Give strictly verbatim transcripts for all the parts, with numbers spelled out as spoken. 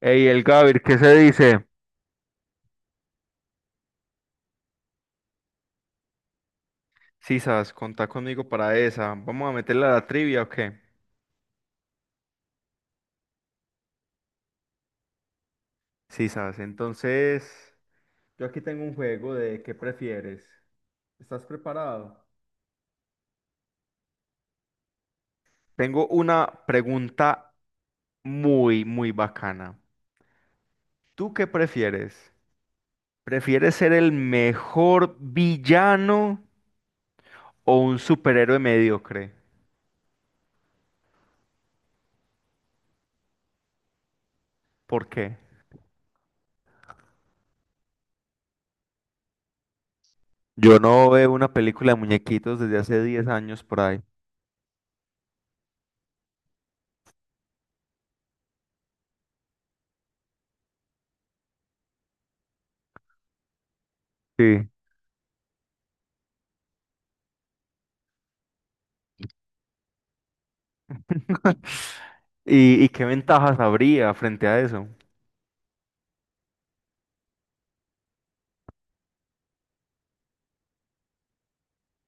Ey, el Gavir, ¿qué se dice? Sisas, contá conmigo para esa. ¿Vamos a meterle a la trivia o qué? Sisas, entonces yo aquí tengo un juego de ¿qué prefieres? ¿Estás preparado? Tengo una pregunta muy, muy bacana. ¿Tú qué prefieres? ¿Prefieres ser el mejor villano o un superhéroe mediocre? ¿Por qué? Yo no veo una película de muñequitos desde hace diez años por ahí. Sí. ¿Y, y qué ventajas habría frente a eso?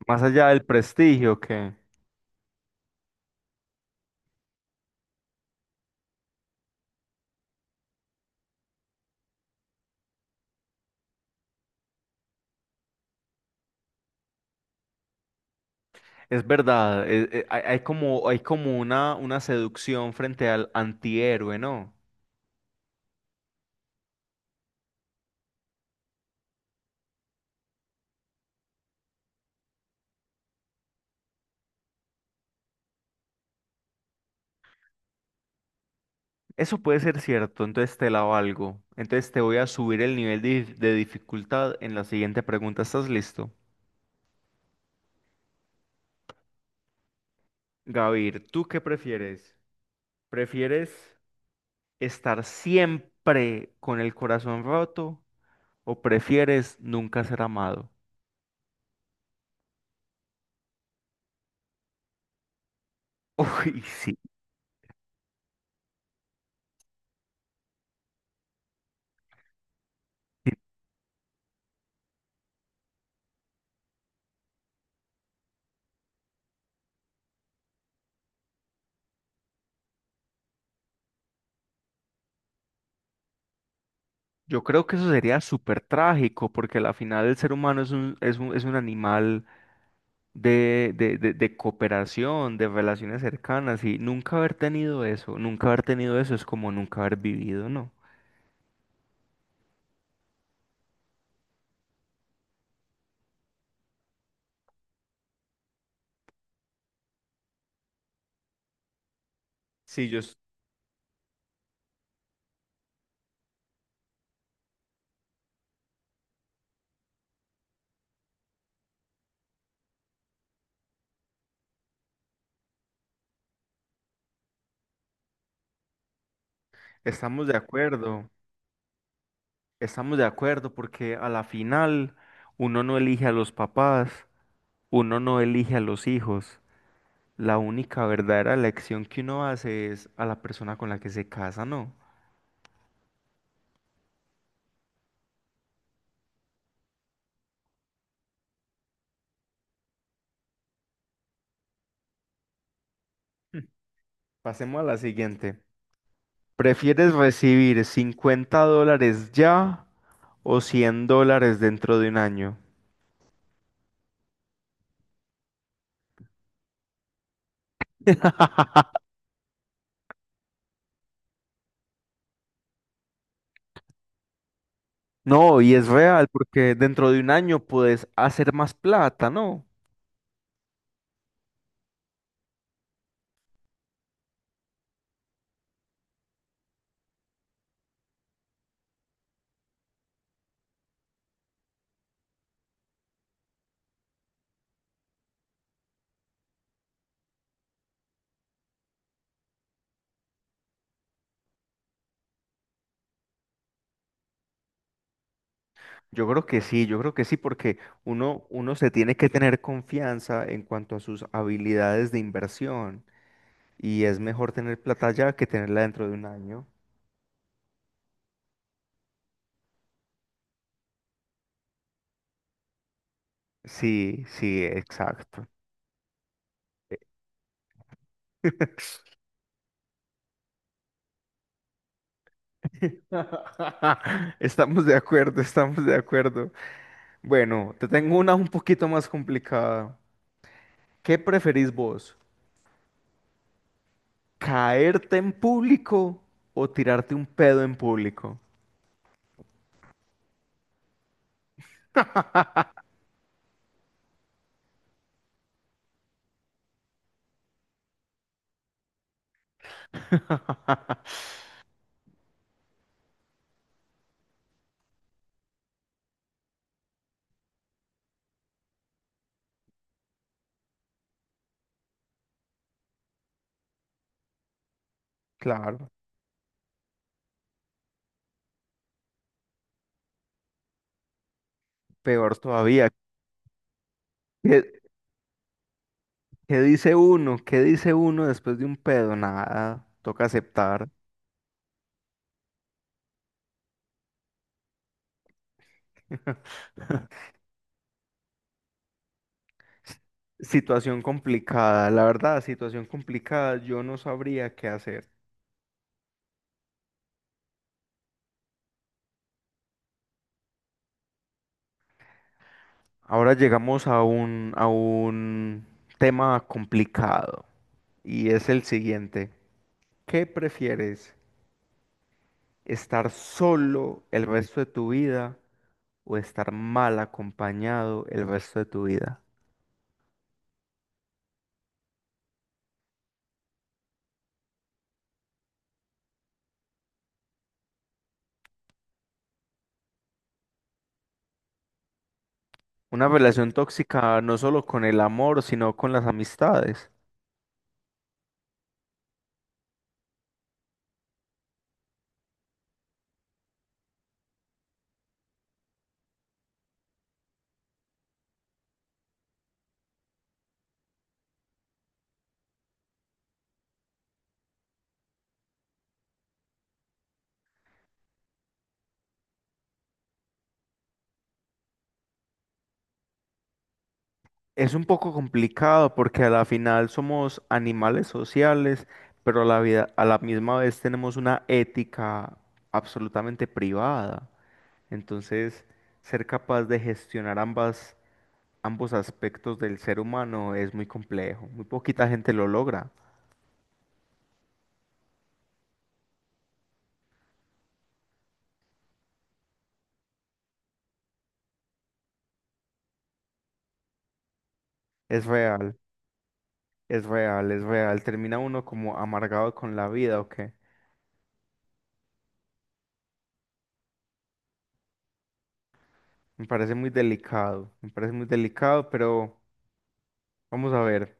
Más allá del prestigio, que es verdad, eh, eh, hay, hay como, hay como una, una seducción frente al antihéroe, ¿no? Eso puede ser cierto, entonces te la valgo. Entonces te voy a subir el nivel de, dif- de dificultad en la siguiente pregunta. ¿Estás listo? Gavir, ¿tú qué prefieres? ¿Prefieres estar siempre con el corazón roto o prefieres nunca ser amado? Uy, sí. Yo creo que eso sería súper trágico, porque al final el ser humano es un, es un, es un animal de, de, de, de cooperación, de relaciones cercanas, y nunca haber tenido eso, nunca haber tenido eso es como nunca haber vivido, ¿no? Sí, yo es- estamos de acuerdo, estamos de acuerdo, porque a la final uno no elige a los papás, uno no elige a los hijos. La única verdadera elección que uno hace es a la persona con la que se casa, ¿no? Pasemos a la siguiente. ¿Prefieres recibir cincuenta dólares ya o cien dólares dentro de un año? No, y es real, porque dentro de un año puedes hacer más plata, ¿no? Yo creo que sí, yo creo que sí, porque uno, uno se tiene que tener confianza en cuanto a sus habilidades de inversión y es mejor tener plata ya que tenerla dentro de un año. Sí, sí, exacto. Estamos de acuerdo, estamos de acuerdo. Bueno, te tengo una un poquito más complicada. ¿Qué preferís vos? ¿Caerte en público o tirarte un pedo en público? Claro, peor todavía. ¿Qué, qué dice uno? ¿Qué dice uno después de un pedo? Nada, toca aceptar. Situación complicada, la verdad, situación complicada, yo no sabría qué hacer. Ahora llegamos a un, a un tema complicado y es el siguiente. ¿Qué prefieres? Estar solo el resto de tu vida o estar mal acompañado el resto de tu vida. Una relación tóxica no solo con el amor, sino con las amistades. Es un poco complicado porque a la final somos animales sociales, pero a la vida, a la misma vez tenemos una ética absolutamente privada. Entonces, ser capaz de gestionar ambas, ambos aspectos del ser humano es muy complejo. Muy poquita gente lo logra. Es real. Es real, es real. Termina uno como amargado con la vida, ¿o qué? Me parece muy delicado, me parece muy delicado, pero vamos a ver.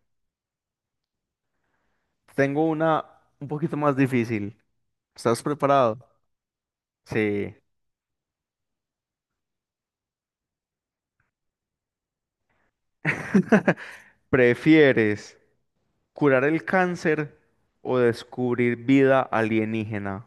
Tengo una un poquito más difícil. ¿Estás preparado? Sí. ¿Prefieres curar el cáncer o descubrir vida alienígena?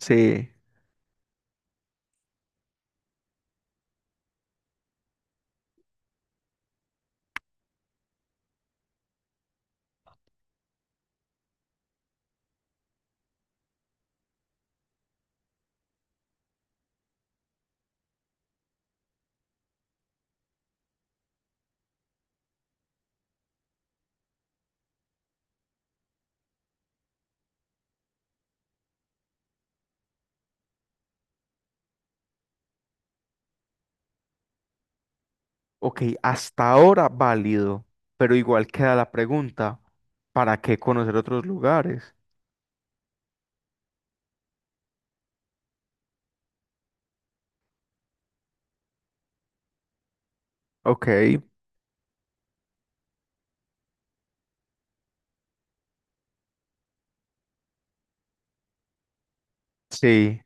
Sí. Ok, hasta ahora válido, pero igual queda la pregunta, ¿para qué conocer otros lugares? Ok, sí.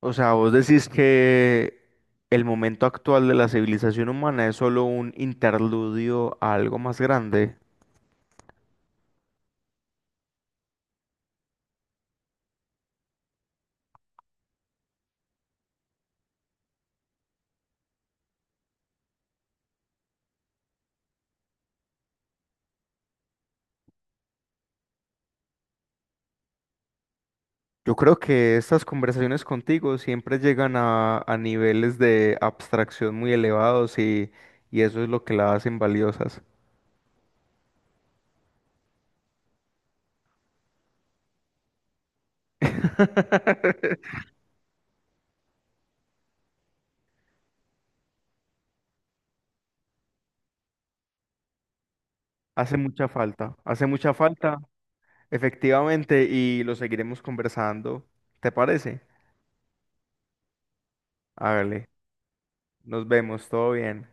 O sea, vos decís que el momento actual de la civilización humana es solo un interludio a algo más grande. Yo creo que estas conversaciones contigo siempre llegan a, a niveles de abstracción muy elevados y, y eso es lo que la hacen valiosas. Hace mucha falta, hace mucha falta, efectivamente, y lo seguiremos conversando. ¿Te parece? Hágale, nos vemos, todo bien.